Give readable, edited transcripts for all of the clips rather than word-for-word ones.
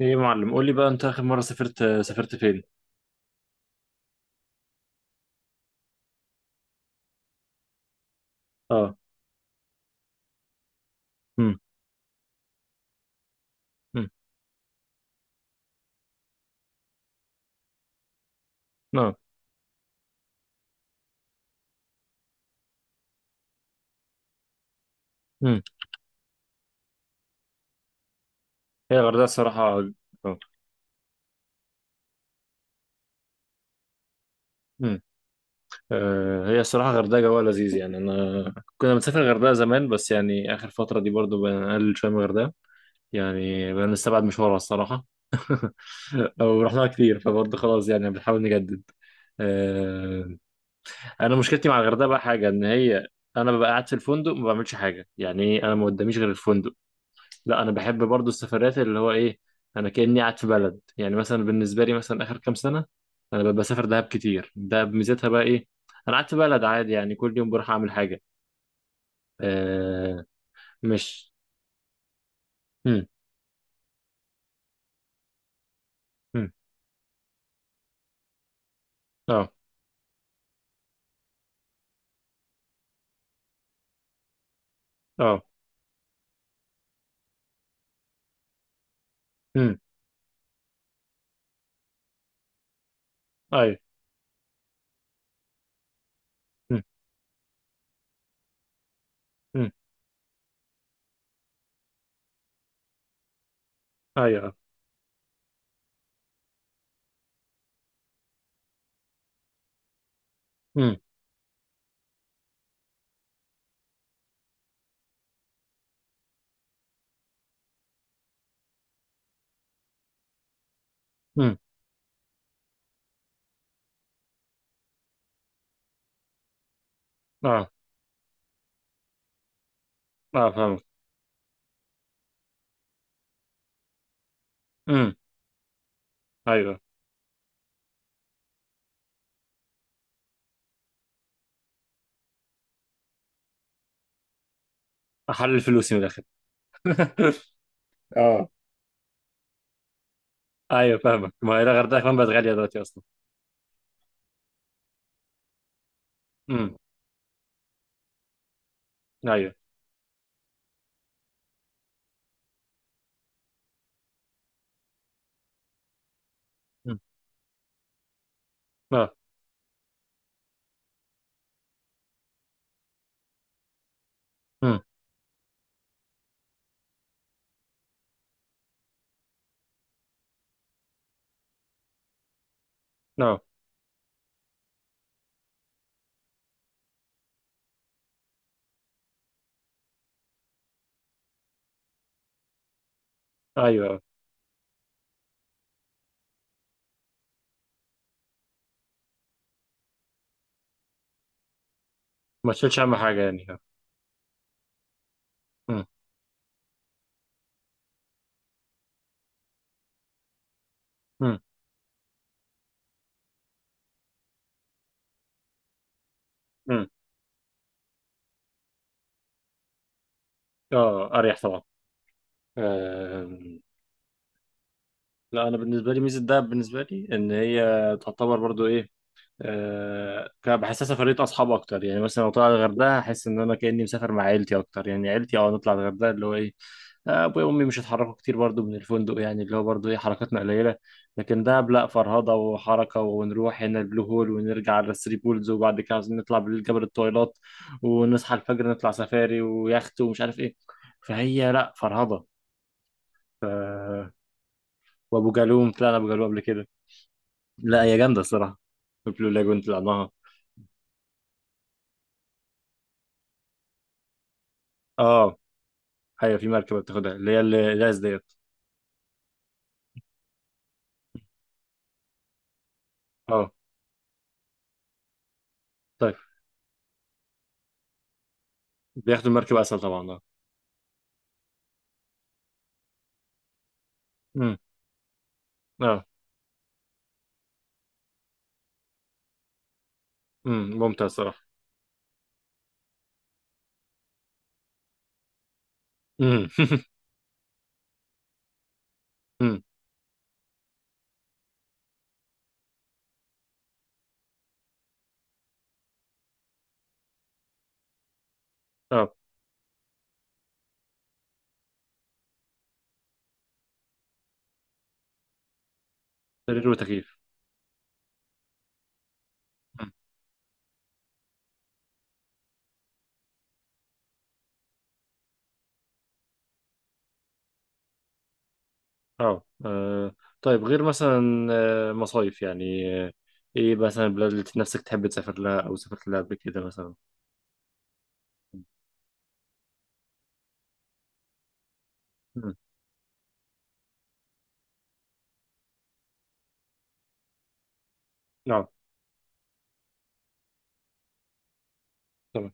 ايه يا معلم، قول لي بقى، انت اخر مره سافرت فين؟ اه. امم. امم. اه. امم. هي الغردقه الصراحه. اه. امم. هي الصراحه الغردقه جوها لذيذ، يعني انا كنا بنسافر الغردقه زمان، بس يعني اخر فتره دي برضو بنقلل شويه من الغردقه. يعني بنستبعد مشوارها الصراحه. او رحناها كتير، فبرضو خلاص يعني بنحاول نجدد. آه، انا مشكلتي مع الغردقه بقى حاجه ان هي، انا ببقى قاعد في الفندق ما بعملش حاجه، يعني ايه، انا ما قداميش غير الفندق. لا انا بحب برضو السفرات، اللي هو ايه، انا كاني قاعد في بلد. يعني مثلا بالنسبه لي، مثلا اخر كام سنه انا ببقى بسافر دهب كتير. دهب ميزتها بقى ايه؟ انا قاعد في بلد عادي، يعني كل يوم بروح اعمل حاجه. آه. مش... مم. مم. اه. اه. مم. ايوه. مم. مم. ايوه. مم. مم. اه. اه فاهمك. مم. ايوه. احلل فلوسي من الاخر. اه. ايوه فاهمك، ما هي الغردقه كمان بقت غاليه دلوقتي اصلا. امم. ايوه. مم. اه. امم. اه. ايوه. ما تشيلش اهم حاجه يعني. امم. امم. امم. اه اريح طبعا. آم، لا انا بالنسبه لي، ميزه دهب بالنسبه لي ان هي تعتبر برضو إيه، كان بحسها سفرية أصحاب أكتر، يعني مثلا لو طلع الغردقة هحس إن أنا كأني مسافر مع عيلتي أكتر. يعني عيلتي نطلع الغردقة اللي هو إيه، أبويا وأمي مش هيتحركوا كتير برضو من الفندق، يعني اللي هو برضو إيه، حركاتنا قليلة. لكن دهب لأ، فرهضة وحركة، ونروح هنا البلو هول ونرجع على الثري بولز، وبعد كده عايزين نطلع بالليل جبل الطويلات، ونصحى الفجر نطلع سفاري ويخت ومش عارف إيه. فهي لأ، فرهضة. ف... وأبو جالوم طلعنا أبو جالوم قبل كده. لأ هي جامدة الصراحة، البلو لاجون طلعناها. اه. ايوه في مركبه بتاخدها، اللي هي الاس ديت. اه. طيب، بياخدوا المركبه اسهل طبعا. اه. امم. اه. ممتاز صراحه. امم. امم. اه سرير وتكييف. أمم. اه. آه. طيب غير مثلا، مصايف يعني، ايه مثلا البلاد اللي نفسك تحب تسافر لها او سافرت لها قبل كده مثلا؟ امم. اه. تمام.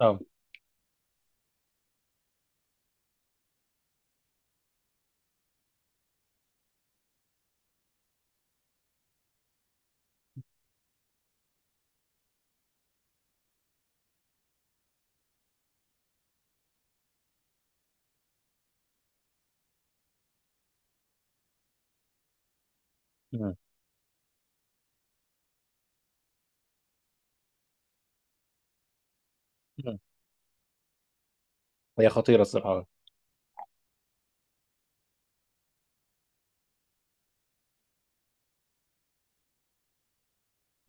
اه. امم. أمم. هي خطيره الصراحه.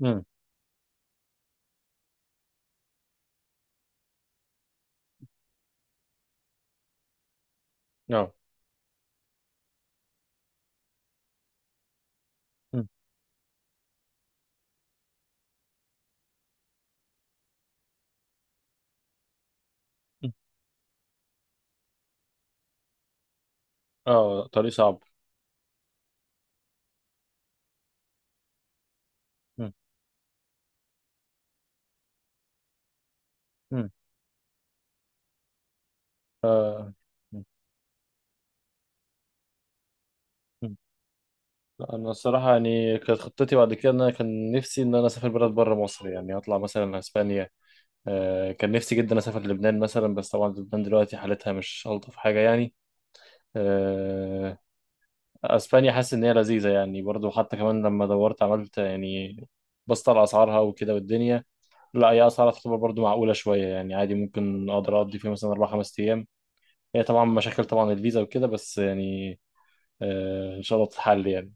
امم. اه. أمم. اه طريق صعب. امم. أمم. آه. لا انا الصراحه يعني كانت خطتي بعد كده ان انا كان نفسي ان انا اسافر بلد بره مصر، يعني اطلع مثلا اسبانيا. كان نفسي جدا اسافر لبنان مثلا، بس طبعا لبنان دلوقتي حالتها مش الطف حاجه يعني. آه، اسبانيا حاسس ان هي لذيذه يعني، برضو حتى كمان لما دورت عملت يعني، بصت على اسعارها وكده والدنيا. لا هي اسعارها تعتبر برضو معقوله شويه، يعني عادي ممكن اقدر اقضي فيها مثلا اربع خمس ايام. هي طبعا مشاكل طبعا الفيزا وكده، بس يعني ان شاء الله تتحل يعني.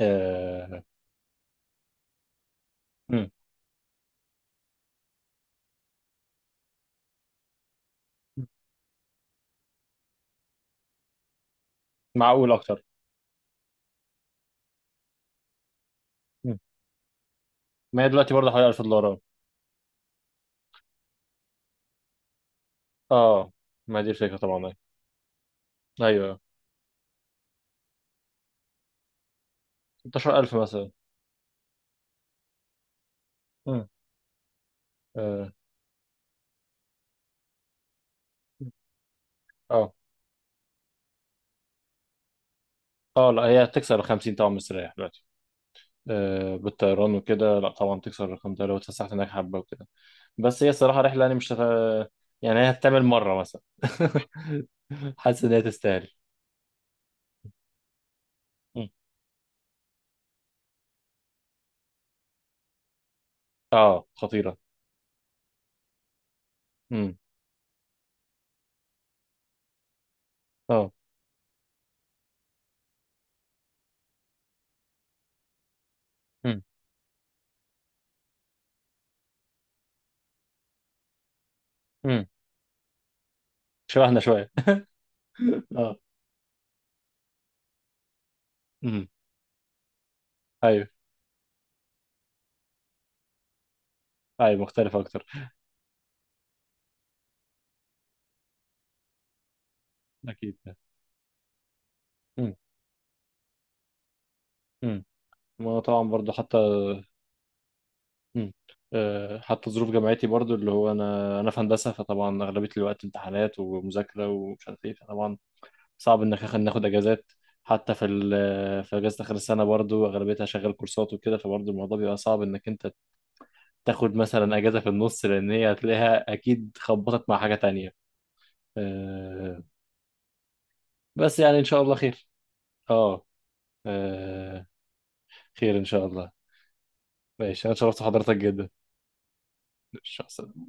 آه. مم. معقول اكتر. مم. ما هي دلوقتي برضه حوالي 1000 دولار أهو. اه، ما دي الفكرة طبعا. ايوه 16000 مثلا. مم. اه. اه. اه، لا هي هتكسر ال 50 طبعا، مستريح دلوقتي. آه بالطيران وكده، لا طبعا تكسر ال 5000 لو اتفسحت هناك حبة وكده. بس هي الصراحة رحلة يعني، مش هت... يعني هي هتتعمل مرة مثلا. حاسس ان هي تستاهل. مم. اه خطيرة. مم. اه. مم. مم. شبهنا شوية. اه. مم. ايوه. ايوه مختلف اكتر. اكيد. مم. مم. ما هو طبعا برضه حتى. مم. حتى ظروف جامعتي برضو اللي هو انا في هندسه، فطبعا اغلبيه الوقت امتحانات ومذاكره ومش عارف ايه، فطبعا صعب انك ناخد اجازات. حتى في في اجازه اخر السنه برضو اغلبيتها شغال كورسات وكده، فبرضو الموضوع بيبقى صعب انك انت تاخد مثلا اجازه في النص، لان هي هتلاقيها اكيد خبطت مع حاجه تانية. آه، بس يعني ان شاء الله خير. اه. آه، خير ان شاء الله. ماشي، انا شرفت حضرتك جدا. ماشي، مع السلامة.